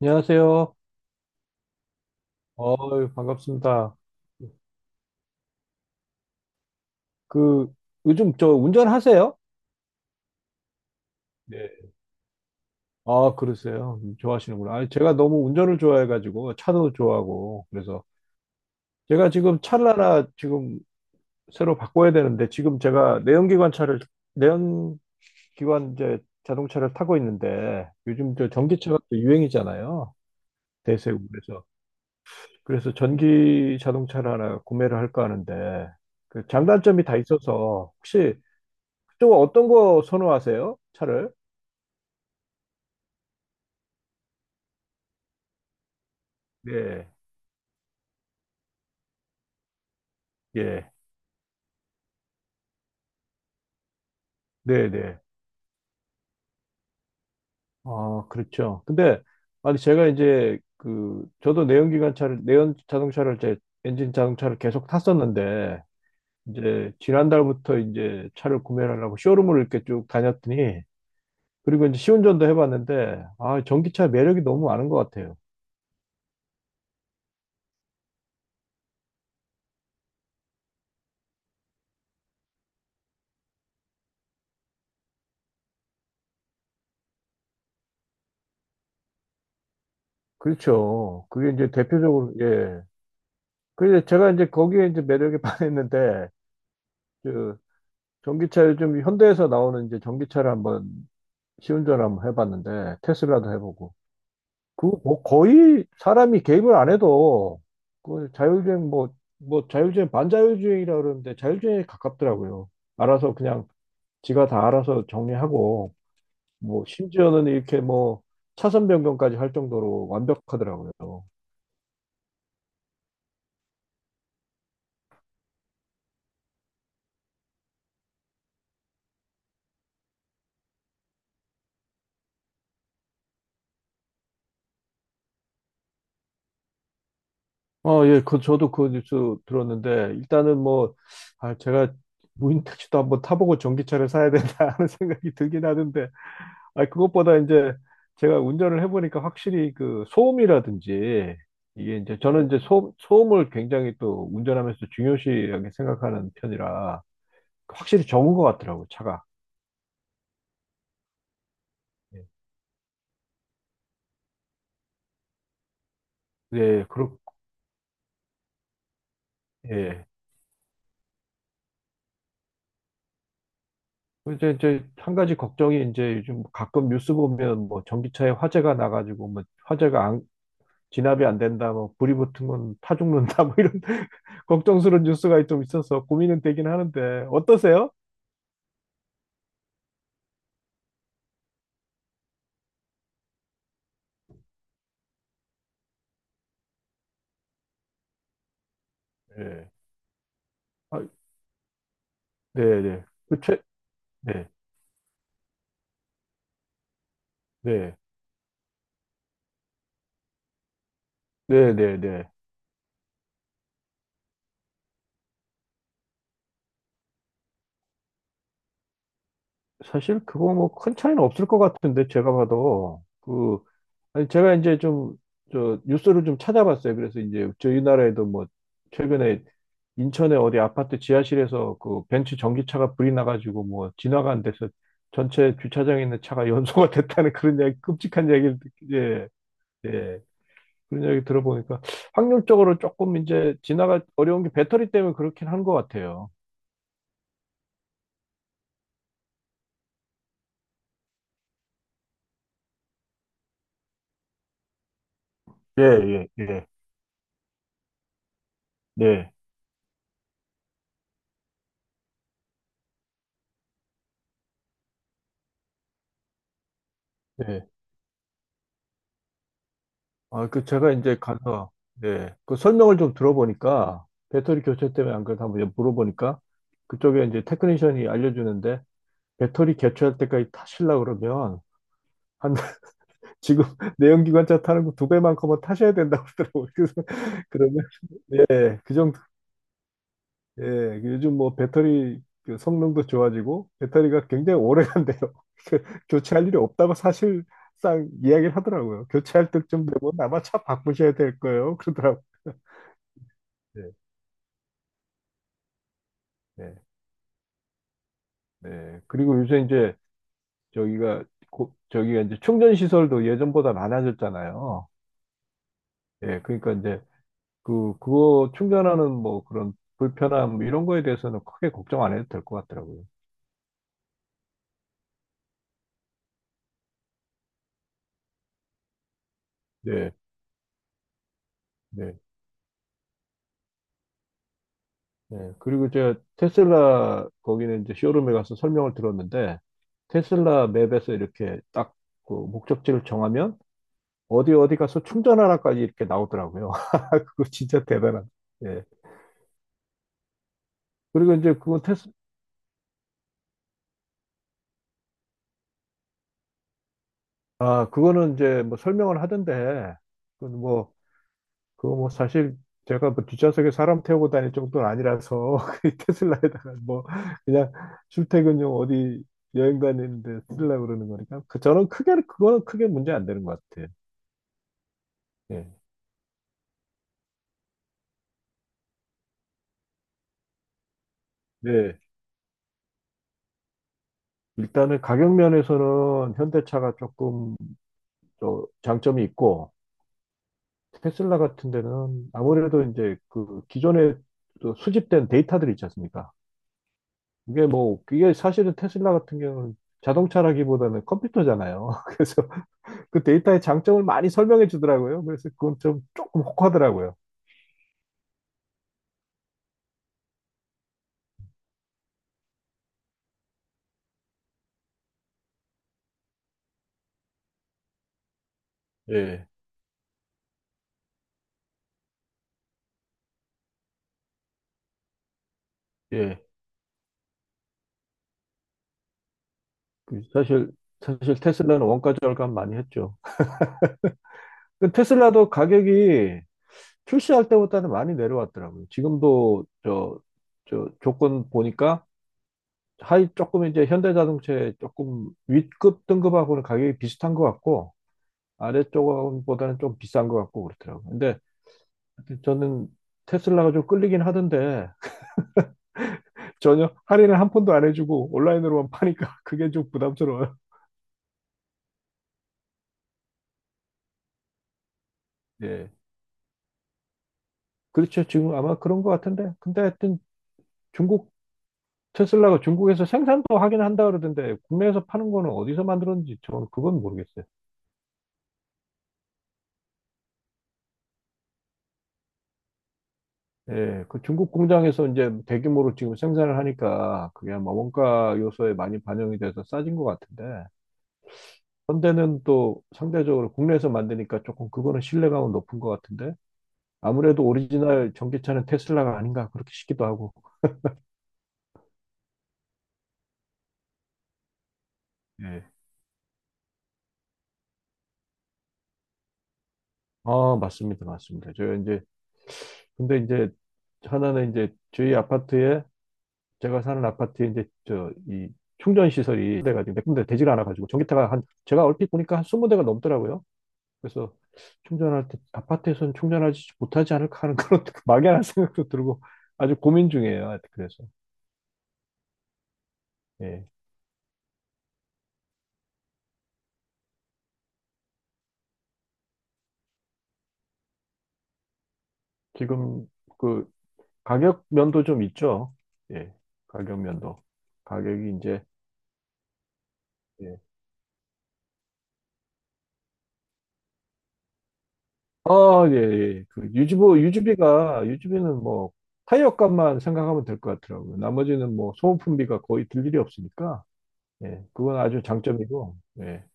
안녕하세요. 어유, 반갑습니다. 그, 요즘 저 운전하세요? 네. 아, 그러세요. 좋아하시는구나. 아니, 제가 너무 운전을 좋아해가지고, 차도 좋아하고, 그래서 제가 지금 차를 하나 지금 새로 바꿔야 되는데, 지금 제가 내연기관 내연기관 이제 자동차를 타고 있는데, 요즘 저 전기차가 또 유행이잖아요. 대세고, 그래서. 그래서 전기 자동차를 하나 구매를 할까 하는데, 그 장단점이 다 있어서, 혹시 좀 어떤 거 선호하세요? 차를? 네, 예, 네, 네. 아, 그렇죠. 근데 아니 제가 이제 그 저도 내연기관차를 내연 자동차를 이제 엔진 자동차를 계속 탔었는데 이제 지난달부터 이제 차를 구매를 하려고 쇼룸을 이렇게 쭉 다녔더니, 그리고 이제 시운전도 해봤는데, 아, 전기차 매력이 너무 많은 것 같아요. 그렇죠. 그게 이제 대표적으로 예. 그래서 제가 이제 거기에 이제 매력에 반했는데, 전기차 요즘 현대에서 나오는 이제 전기차를 한번 시운전을 한번 해봤는데, 테슬라도 해보고, 그 뭐 거의 사람이 개입을 안 해도 그 자율주행 뭐 자율주행 반자율주행이라 그러는데 자율주행에 가깝더라고요. 알아서 그냥 지가 다 알아서 정리하고 뭐 심지어는 이렇게 뭐 차선 변경까지 할 정도로 완벽하더라고요. 어, 예, 그 저도 그 뉴스 들었는데, 일단은 뭐, 아, 제가 무인 택시도 한번 타보고 전기차를 사야 된다 하는 생각이 들긴 하는데, 아니, 그것보다 이제 제가 운전을 해보니까 확실히 그 소음이라든지 이게 이제 저는 이제 소음을 굉장히 또 운전하면서 중요시하게 생각하는 편이라 그 확실히 적은 것 같더라고요, 차가. 예, 예, 그렇, 예. 이제 한 가지 걱정이 이제 요즘 가끔 뉴스 보면 뭐 전기차에 화재가 나가지고 뭐 화재가 안, 진압이 안 된다, 뭐 불이 붙으면 타 죽는다, 뭐 이런 걱정스러운 뉴스가 좀 있어서 고민은 되긴 하는데 어떠세요? 예. 아, 네, 네. 네, 네, 네, 네, 네. 사실 그거 뭐 큰 차이는 없을 것 같은데, 제가 봐도 그, 아니 제가 이제 좀 저 뉴스를 좀 찾아봤어요. 그래서 이제 저희 나라에도 뭐 최근에 인천의 어디 아파트 지하실에서 그 벤츠 전기차가 불이 나가지고 뭐 진화가 안 돼서 전체 주차장에 있는 차가 연소가 됐다는 그런 이야기, 끔찍한 이야기를 듣- 예, 예. 그런 이야기 들어보니까 확률적으로 조금 이제 진화가 어려운 게 배터리 때문에 그렇긴 한 것 같아요. 예, 예, 예. 네. 네. 아, 그 제가 이제 가서, 네, 그 설명을 좀 들어보니까, 배터리 교체 때문에 안 그래도 한번 물어보니까 그쪽에 이제 테크니션이 알려주는데, 배터리 교체할 때까지 타실라 그러면 한 지금 내연기관차 타는 거 두 배만큼은 타셔야 된다고 그러더라고요. 그래서 그러면, 예, 그 정도. 예, 요즘 뭐 배터리 그 성능도 좋아지고 배터리가 굉장히 오래 간대요. 그 교체할 일이 없다고 사실상 이야기를 하더라고요. 교체할 때쯤 되면 아마 차 바꾸셔야 될 거예요, 그러더라고요. 네, 네, 네. 그리고 요새 이제 저기가 고- 저기가 이제 충전 시설도 예전보다 많아졌잖아요. 예, 그러니까 이제 그 그거 충전하는 뭐 그런 불편함 이런 거에 대해서는 크게 걱정 안 해도 될 것 같더라고요. 네, 네, 네. 그리고 제가 테슬라 거기는 이제 쇼룸에 가서 설명을 들었는데, 테슬라 맵에서 이렇게 딱 그 목적지를 정하면 어디 어디 가서 충전하라까지 이렇게 나오더라고요. 그거 진짜 대단한. 예. 그리고 이제 그건 테스 아, 그거는 이제 뭐 설명을 하던데, 그건 뭐, 그거 뭐 사실 제가 뭐 뒷좌석에 사람 태우고 다닐 정도는 아니라서, 그 테슬라에다가 뭐, 그냥 출퇴근용 어디 여행 다니는데 쓰려고 그러는 거니까. 그, 저는 크게, 그거는 크게 문제 안 되는 것 같아요. 예. 네. 일단은 가격 면에서는 현대차가 조금 저 장점이 있고, 테슬라 같은 데는 아무래도 이제 그 기존에 또 수집된 데이터들 있지 않습니까? 이게 뭐, 이게 사실은 테슬라 같은 경우는 자동차라기보다는 컴퓨터잖아요. 그래서 그 데이터의 장점을 많이 설명해 주더라고요. 그래서 그건 좀 조금 혹하더라고요. 예, 예. 그 사실, 사실 테슬라는 원가 절감 많이 했죠. 그 테슬라도 가격이 출시할 때보다는 많이 내려왔더라고요. 지금도 저, 저 조건 보니까 하이 조금 이제 현대자동차에 조금 윗급 등급하고는 가격이 비슷한 것 같고, 아래쪽보다는 좀 비싼 것 같고 그렇더라고요. 근데 저는 테슬라가 좀 끌리긴 하던데 전혀 할인을 한 푼도 안 해주고 온라인으로만 파니까 그게 좀 부담스러워요. 예. 그렇죠. 지금 아마 그런 것 같은데. 근데 하여튼 중국 테슬라가 중국에서 생산도 하긴 한다 그러던데 국내에서 파는 거는 어디서 만들었는지 저는 그건 모르겠어요. 예. 그 중국 공장에서 이제 대규모로 지금 생산을 하니까 그게 아마 원가 요소에 많이 반영이 돼서 싸진 것 같은데. 현대는 또 상대적으로 국내에서 만드니까 조금 그거는 신뢰감은 높은 것 같은데. 아무래도 오리지널 전기차는 테슬라가 아닌가 그렇게 싶기도 하고. 예. 아, 맞습니다. 맞습니다. 저 이제 근데 이제 하나는 이제 저희 아파트에, 제가 사는 아파트에 이제 저 이 충전 시설이 돼 가지고 몇 군데 되지가 않아 가지고 전기차가 한 제가 얼핏 보니까 한 20대가 넘더라고요. 그래서 충전할 때 아파트에서는 충전하지 못하지 않을까 하는 그런 막연한 생각도 들고 아주 고민 중이에요. 하여튼 그래서 예. 지금 그 가격 면도 좀 있죠. 예. 가격 면도. 가격이 이제 예. 아, 예, 예. 그 유지비가, 유지비는 뭐, 타이어 값만 생각하면 될 것 같더라고요. 나머지는 뭐, 소모품비가 거의 들 일이 없으니까, 예. 그건 아주 장점이고, 예.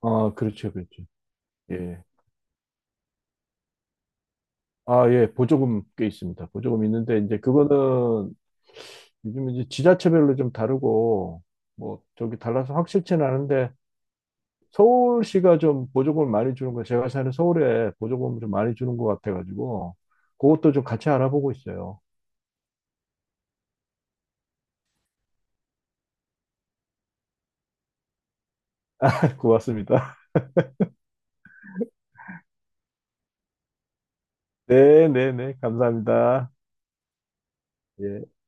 아, 그렇죠, 그렇죠. 예. 아, 예. 보조금 꽤 있습니다. 보조금 있는데, 이제 그거는 요즘 이제 지자체별로 좀 다르고, 뭐, 저기 달라서 확실치는 않은데, 서울시가 좀 보조금을 많이 주는 거, 제가 사는 서울에 보조금을 좀 많이 주는 것 같아가지고, 그것도 좀 같이 알아보고 있어요. 고맙습니다. 네, 네, 네. 감사합니다. 예.